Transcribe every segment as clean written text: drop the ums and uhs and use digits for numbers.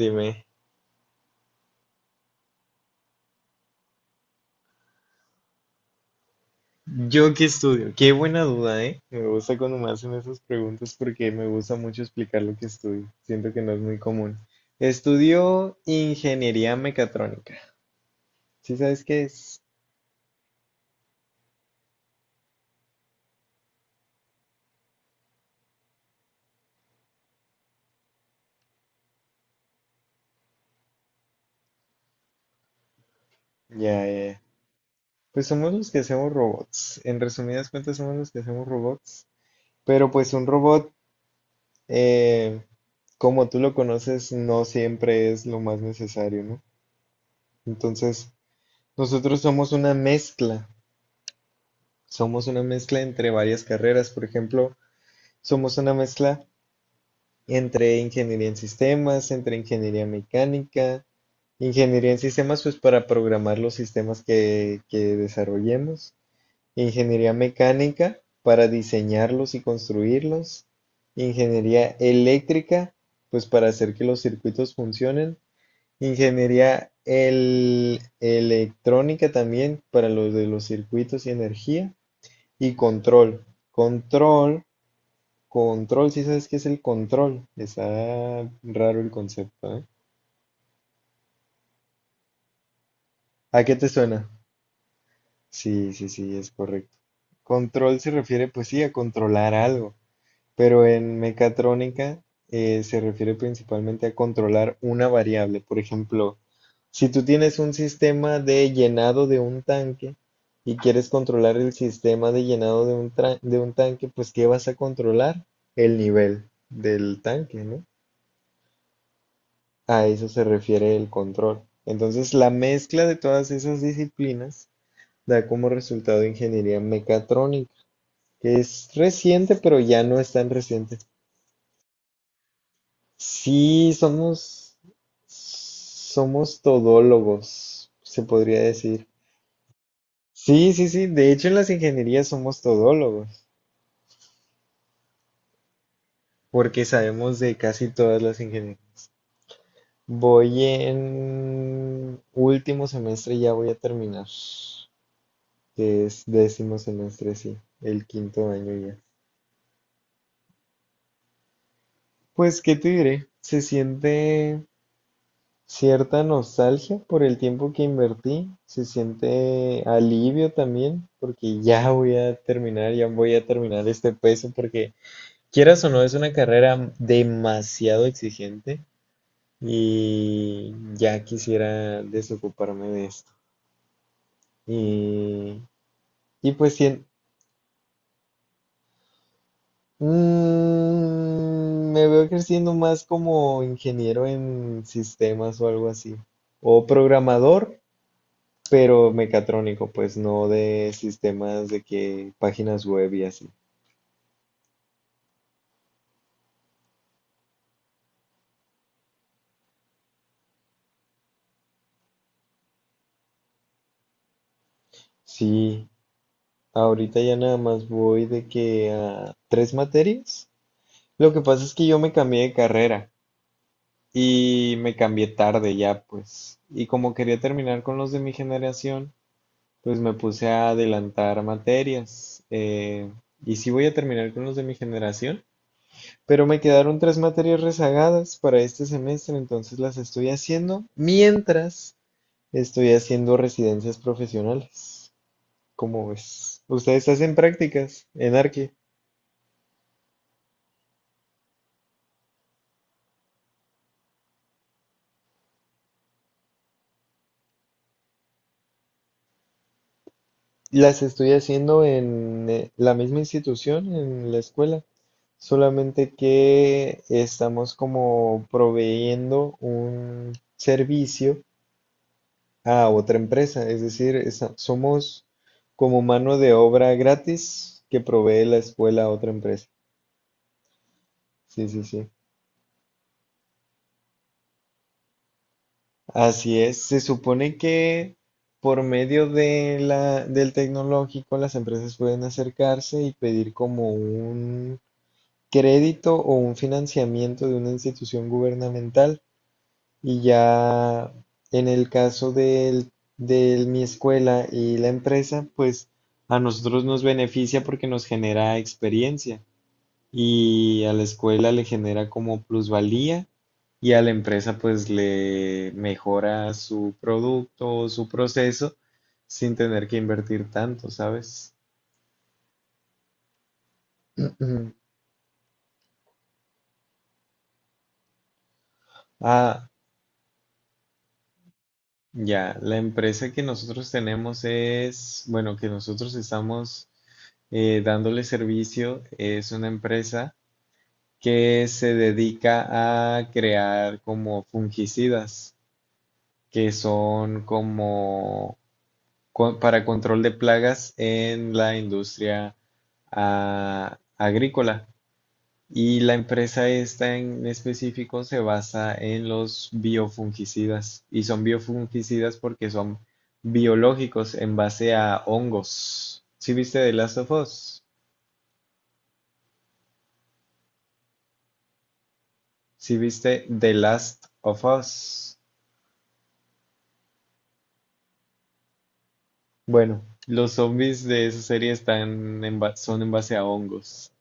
Dime, ¿yo qué estudio? Qué buena duda, ¿eh? Me gusta cuando me hacen esas preguntas porque me gusta mucho explicar lo que estudio. Siento que no es muy común. Estudio ingeniería mecatrónica. ¿Sí sabes qué es? Ya, ya, ya. Pues somos los que hacemos robots. En resumidas cuentas, somos los que hacemos robots. Pero pues un robot, eh, como tú lo conoces, no siempre es lo más necesario, ¿no? Entonces, nosotros somos una mezcla Somos una mezcla entre varias carreras. Por ejemplo, somos una mezcla entre ingeniería en sistemas, entre ingeniería mecánica. Ingeniería en sistemas pues para programar los sistemas que desarrollemos, ingeniería mecánica para diseñarlos y construirlos, ingeniería eléctrica pues para hacer que los circuitos funcionen, ingeniería electrónica también para los de los circuitos y energía. Y control. Control. Control, si sabes qué es el control. Está raro el concepto, ¿eh? ¿A qué te suena? Sí, sí, sí, es correcto. Control se refiere, pues sí, a controlar algo. Pero en mecatrónica se refiere principalmente a controlar una variable. Por ejemplo, si tú tienes un sistema de llenado de un tanque y quieres controlar el sistema de llenado de un tanque, pues ¿qué vas a controlar? El nivel del tanque, ¿no? A eso se refiere el control. Entonces, la mezcla de todas esas disciplinas da como resultado ingeniería mecatrónica, que es reciente, pero ya no es tan reciente. Sí, somos todólogos, se podría decir. Sí, sí, sí. De hecho, en las ingenierías somos todólogos, porque sabemos de casi todas las ingenierías. Voy en último semestre, ya voy a terminar, que es décimo semestre, sí, el quinto año ya. Pues, ¿qué te diré? Se siente cierta nostalgia por el tiempo que invertí, se siente alivio también, porque ya voy a terminar, ya voy a terminar este peso, porque quieras o no, es una carrera demasiado exigente y ya quisiera desocuparme de esto. Y, y pues sien- me veo creciendo más como ingeniero en sistemas o algo así, o programador. Pero mecatrónico, pues no de sistemas de que páginas web y así. Sí, ahorita ya nada más voy de que a tres materias. Lo que pasa es que yo me cambié de carrera y me cambié tarde ya, pues. Y como quería terminar con los de mi generación, pues me puse a adelantar materias. Y sí voy a terminar con los de mi generación, pero me quedaron tres materias rezagadas para este semestre, entonces las estoy haciendo mientras estoy haciendo residencias profesionales. ¿Cómo ves? ¿Ustedes hacen prácticas en Arque? Las estoy haciendo en la misma institución, en la escuela, solamente que estamos como proveyendo un servicio a otra empresa, es decir, somos como mano de obra gratis que provee la escuela a otra empresa. Sí, sí, sí. Así es, se supone que por medio de la, del tecnológico las empresas pueden acercarse y pedir como un crédito o un financiamiento de una institución gubernamental, y ya en el caso del, de mi escuela y la empresa, pues a nosotros nos beneficia porque nos genera experiencia, y a la escuela le genera como plusvalía, y a la empresa pues le mejora su producto o su proceso sin tener que invertir tanto, ¿sabes? Ah, ya, la empresa que nosotros tenemos es, bueno, que nosotros estamos dándole servicio, es una empresa que se dedica a crear como fungicidas, que son como para control de plagas en la industria agrícola. Y la empresa esta en específico se basa en los biofungicidas. Y son biofungicidas porque son biológicos en base a hongos. ¿Sí viste The Last of Us? ¿Sí viste The Last of Us? Bueno, los zombies de esa serie son en base a hongos.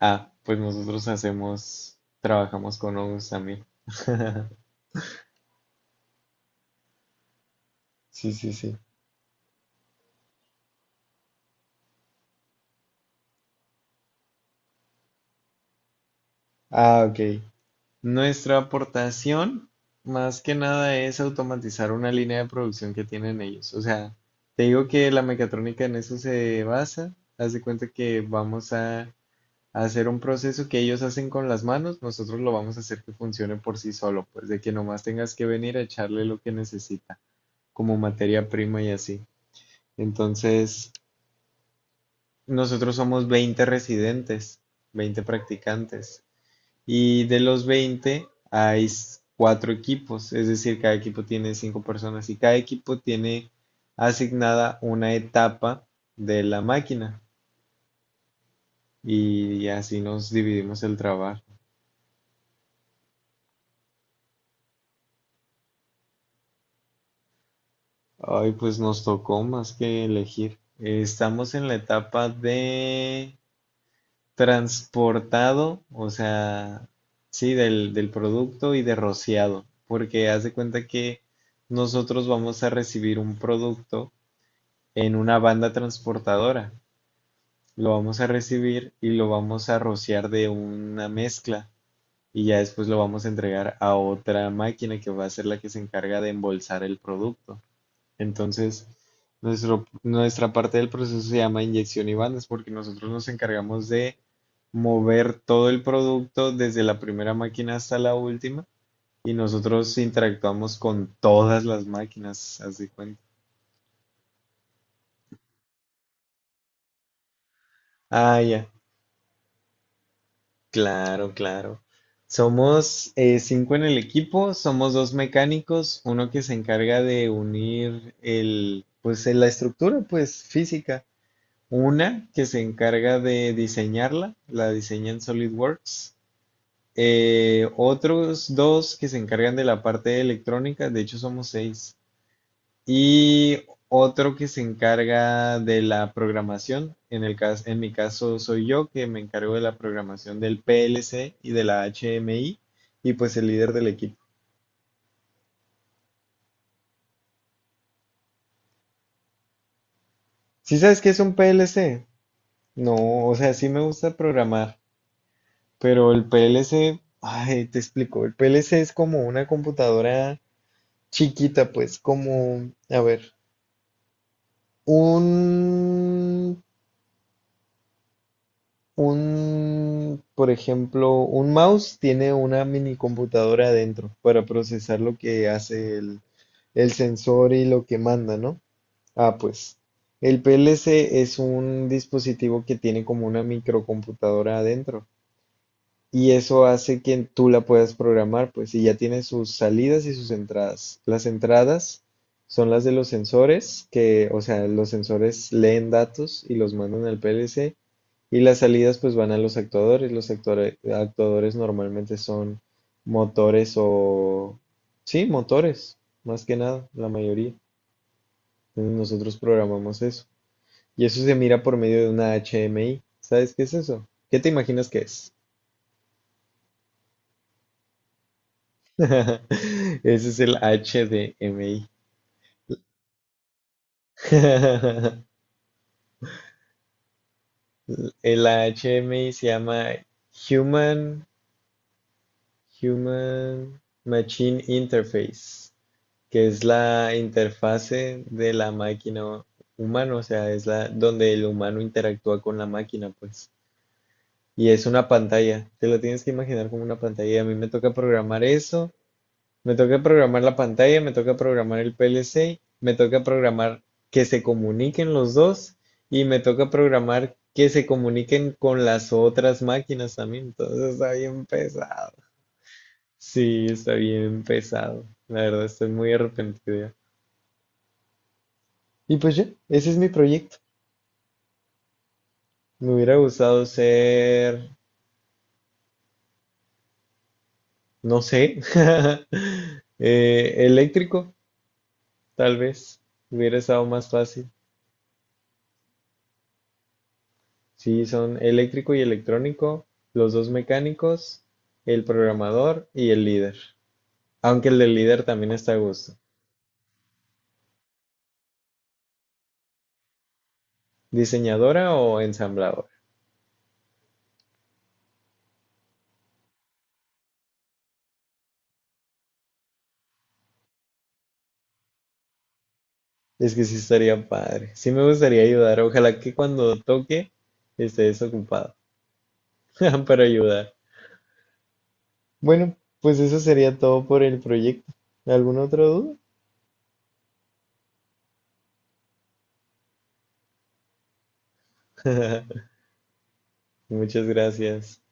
Ah, pues nosotros hacemos, trabajamos con hongos también. Sí, sí, sí. Ah, ok. Nuestra aportación, más que nada, es automatizar una línea de producción que tienen ellos. O sea, te digo que la mecatrónica en eso se basa. Haz de cuenta que vamos a hacer un proceso que ellos hacen con las manos, nosotros lo vamos a hacer que funcione por sí solo, pues de que nomás tengas que venir a echarle lo que necesita, como materia prima y así. Entonces, nosotros somos 20 residentes, 20 practicantes. Y de los 20 hay cuatro equipos, es decir, cada equipo tiene cinco personas y cada equipo tiene asignada una etapa de la máquina. Y así nos dividimos el trabajo. Ay, pues nos tocó más que elegir. Estamos en la etapa de transportado, o sea, sí, del producto y de rociado, porque haz de cuenta que nosotros vamos a recibir un producto en una banda transportadora, lo vamos a recibir y lo vamos a rociar de una mezcla, y ya después lo vamos a entregar a otra máquina que va a ser la que se encarga de embolsar el producto. Entonces, nuestra parte del proceso se llama inyección y bandas, porque nosotros nos encargamos de mover todo el producto desde la primera máquina hasta la última y nosotros interactuamos con todas las máquinas, haz de cuenta. Ah, ya, claro, claro. Somos cinco en el equipo, somos dos mecánicos, uno que se encarga de unir la estructura, pues, física. Una que se encarga de diseñarla, la diseña en SolidWorks. Otros dos que se encargan de la parte electrónica, de hecho somos seis. Y otro que se encarga de la programación, en mi caso soy yo que me encargo de la programación del PLC y de la HMI y pues el líder del equipo. ¿Sí sabes qué es un PLC? No, o sea, sí me gusta programar. Pero el PLC, ay, te explico, el PLC es como una computadora chiquita, pues como, a ver, un, por ejemplo, un mouse tiene una mini computadora adentro para procesar lo que hace el sensor y lo que manda, ¿no? Ah, pues, el PLC es un dispositivo que tiene como una microcomputadora adentro. Y eso hace que tú la puedas programar, pues, y ya tiene sus salidas y sus entradas. Las entradas son las de los sensores, que, o sea, los sensores leen datos y los mandan al PLC, y las salidas pues van a los actuadores. Actuadores normalmente son motores o... Sí, motores, más que nada, la mayoría. Entonces nosotros programamos eso. Y eso se mira por medio de una HMI. ¿Sabes qué es eso? ¿Qué te imaginas que es? Ese es el HDMI. El HDMI se llama Human, Human Machine Interface, que es la interfase de la máquina humana, o sea, es la donde el humano interactúa con la máquina, pues. Y es una pantalla, te lo tienes que imaginar como una pantalla. A mí me toca programar eso. Me toca programar la pantalla, me toca programar el PLC, me toca programar que se comuniquen los dos y me toca programar que se comuniquen con las otras máquinas también. Entonces está bien pesado. Sí, está bien pesado. La verdad, estoy muy arrepentido. Y pues ya, ese es mi proyecto. Me hubiera gustado ser, no sé, eléctrico, tal vez. Hubiera estado más fácil. Sí, son eléctrico y electrónico, los dos mecánicos, el programador y el líder. Aunque el del líder también está a gusto. ¿Diseñadora o ensambladora? Es que sí estaría padre. Sí me gustaría ayudar. Ojalá que cuando toque estés ocupado para ayudar. Bueno, pues eso sería todo por el proyecto. ¿Alguna otra duda? Muchas gracias.